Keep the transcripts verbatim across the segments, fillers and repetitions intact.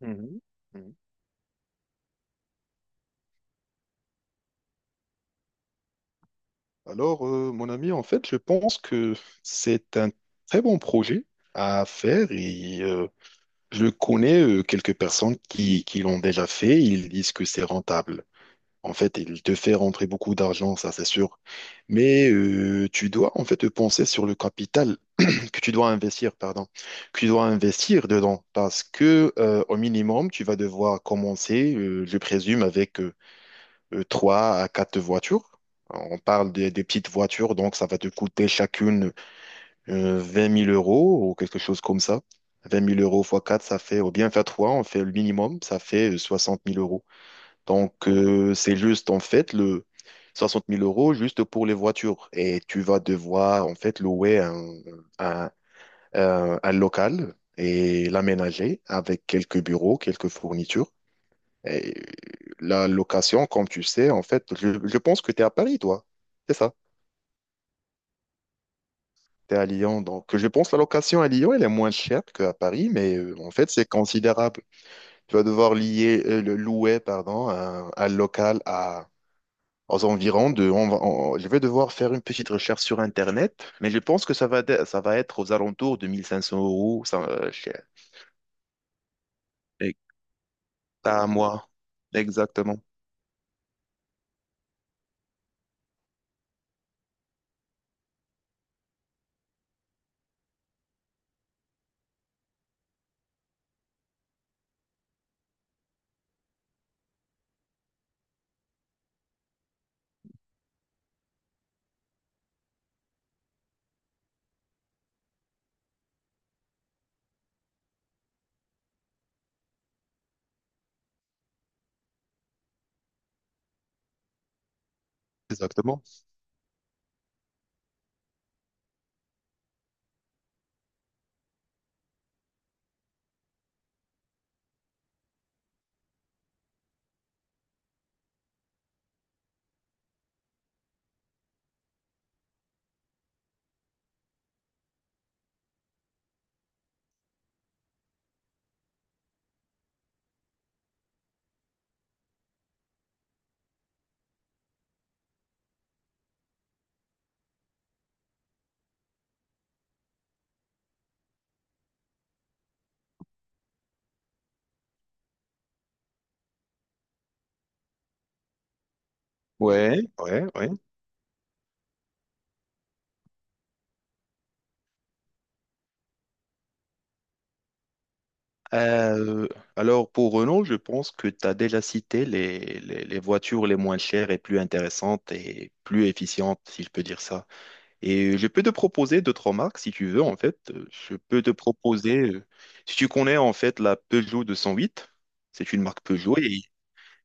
Mhm. Mhm. Alors, euh, mon ami, en fait, je pense que c'est un très bon projet à faire. Et euh, je connais euh, quelques personnes qui, qui l'ont déjà fait. Ils disent que c'est rentable. En fait, il te fait rentrer beaucoup d'argent, ça c'est sûr. Mais euh, tu dois en fait penser sur le capital que tu dois investir, pardon, que tu dois investir dedans parce que euh, au minimum, tu vas devoir commencer, euh, je présume, avec euh, euh, trois à quatre voitures. On parle des, des petites voitures, donc ça va te coûter chacune euh, vingt mille euros ou quelque chose comme ça. Vingt mille euros fois quatre ça fait, ou bien faire trois on fait le minimum, ça fait euh, soixante mille euros. Donc euh, c'est juste en fait le soixante mille euros juste pour les voitures. Et tu vas devoir en fait louer un, un, un- un local et l'aménager avec quelques bureaux, quelques fournitures. Et la location, comme tu sais, en fait, je, je pense que tu es à Paris, toi. C'est ça. Tu es à Lyon. Donc, je pense que la location à Lyon, elle est moins chère qu'à Paris, mais euh, en fait, c'est considérable. Tu vas devoir lier, euh, le louer, pardon, un, un local à, aux environs de. On va- on- je vais devoir faire une petite recherche sur Internet, mais je pense que ça va, dé- ça va être aux alentours de mille cinq cents euros, ça, euh, cher. Et- Par mois. Exactement. Exactement. Ouais, ouais, ouais. Euh, alors pour Renault, je pense que tu as déjà cité les, les- les voitures les moins chères et plus intéressantes et plus efficientes, si je peux dire ça. Et je peux te proposer d'autres marques si tu veux, en fait. Euh, Je peux te proposer, euh, si tu connais en fait la Peugeot deux cent huit. C'est une marque Peugeot et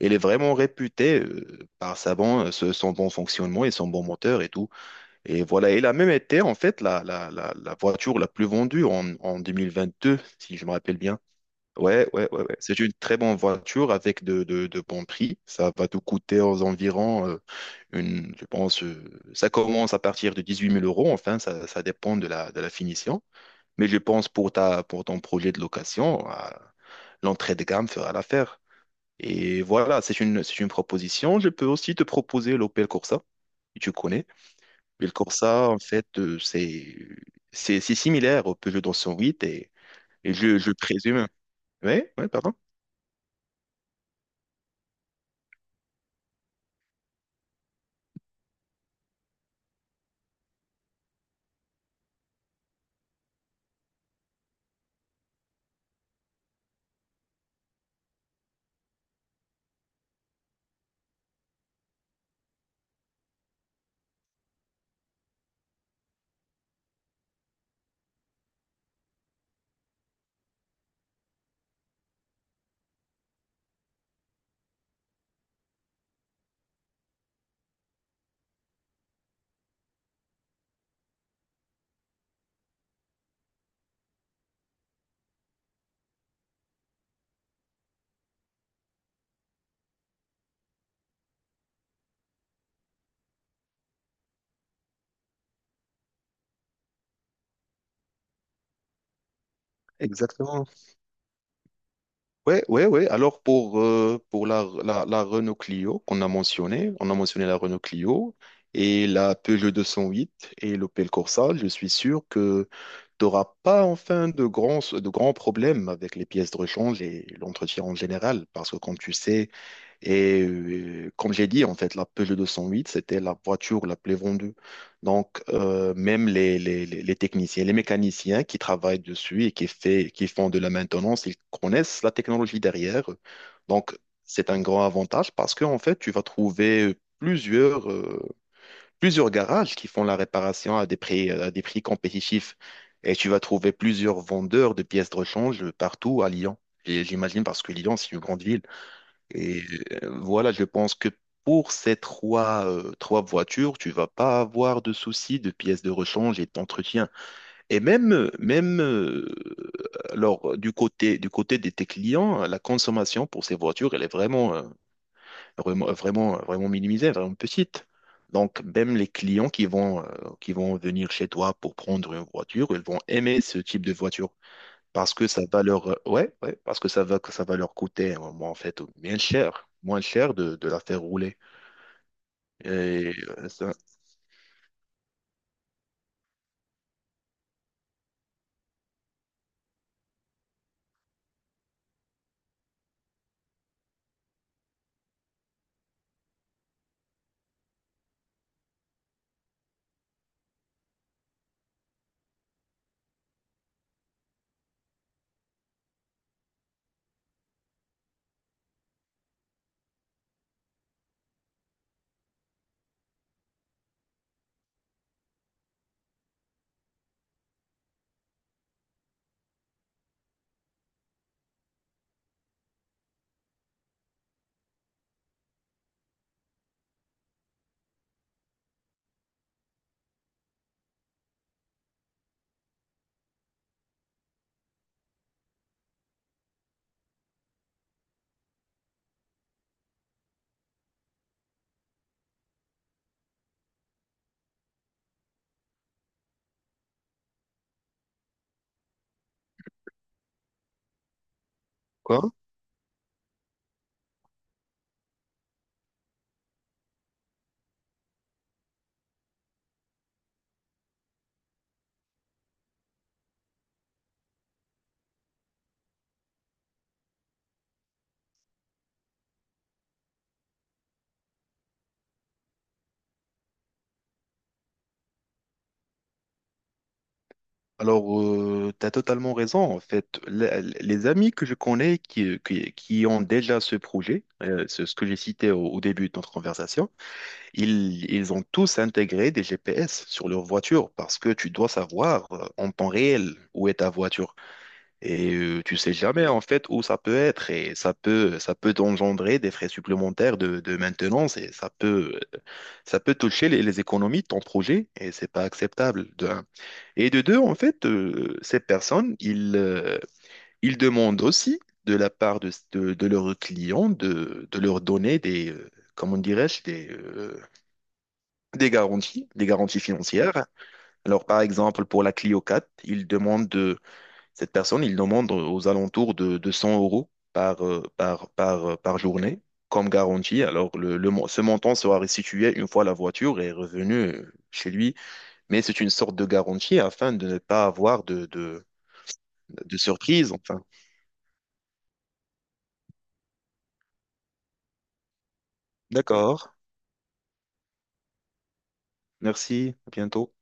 elle est vraiment réputée euh, par sa bon, euh, ce- son bon fonctionnement et son bon moteur et tout. Et voilà, elle a même été en fait la, la, la, la voiture la plus vendue en, en deux mille vingt deux, si je me rappelle bien. Ouais, ouais, ouais, ouais. C'est une très bonne voiture avec de, de, de bons prix. Ça va te coûter aux environs, euh, une, je pense, euh, ça commence à partir de dix-huit mille euros. Enfin, ça, ça dépend de la, de la finition. Mais je pense pour ta, pour ton projet de location, euh, l'entrée de gamme fera l'affaire. Et voilà, c'est une, c'est une proposition. Je peux aussi te proposer l'Opel Corsa que tu connais. Mais le Corsa, en fait, euh, c'est c'est c'est similaire au Peugeot deux cent huit et, et je, je présume. Oui, oui, pardon. Exactement. Ouais, ouais, ouais. Alors pour euh, pour la, la la Renault Clio qu'on a mentionné, on a mentionné la Renault Clio et la Peugeot deux cent huit et l'Opel Corsa. Je suis sûr que tu n'auras pas enfin de grands de grands problèmes avec les pièces de rechange et l'entretien en général parce que comme tu sais. Et euh, comme j'ai dit, en fait, la Peugeot deux cent huit, c'était la voiture la plus vendue. Donc, euh, même les, les, les les techniciens, les mécaniciens qui travaillent dessus et qui, fait, qui font de la maintenance, ils connaissent la technologie derrière. Donc, c'est un grand avantage parce que, en fait, tu vas trouver plusieurs, euh, plusieurs garages qui font la réparation à des prix, à des prix compétitifs. Et tu vas trouver plusieurs vendeurs de pièces de rechange partout à Lyon. Et j'imagine parce que Lyon, c'est une grande ville. Et euh, voilà, je pense que pour ces trois, euh, trois voitures, tu vas pas avoir de soucis de pièces de rechange et d'entretien. Et même, euh, même euh, alors, du côté, du côté de tes clients, la consommation pour ces voitures, elle est vraiment, euh, vraiment, vraiment, vraiment minimisée, vraiment petite. Donc, même les clients qui vont, euh, qui vont venir chez toi pour prendre une voiture, ils vont aimer ce type de voiture. Parce que ça va leur, euh, ouais, ouais, parce que ça va, ça va leur coûter, euh, en fait, bien cher, moins cher de, de la faire rouler. Et euh, ça- quoi? Alors, euh, tu as totalement raison, en fait. La- Les amis que je connais qui, euh, qui, qui ont déjà ce projet, euh, ce, ce que j'ai cité au, au début de notre conversation, ils, ils ont tous intégré des G P S sur leur voiture parce que tu dois savoir euh, en temps réel où est ta voiture. Et euh, tu sais jamais en fait où ça peut être et ça peut ça peut engendrer des frais supplémentaires de, de maintenance et ça peut ça peut toucher les, les économies de ton projet et c'est pas acceptable de un. Et de deux en fait euh, ces personnes ils euh, ils demandent aussi de la part de, de, de leurs clients de, de leur donner des euh, comment dirais-je des euh, des garanties des garanties financières. Alors par exemple pour la Clio quatre ils demandent cette personne, il demande aux alentours de, de cent euros par, euh, par, par, euh, par journée comme garantie. Alors, le, le mo- ce montant sera restitué une fois la voiture est revenue euh, chez lui, mais c'est une sorte de garantie afin de ne pas avoir de, de, de surprise, enfin. D'accord. Merci. À bientôt.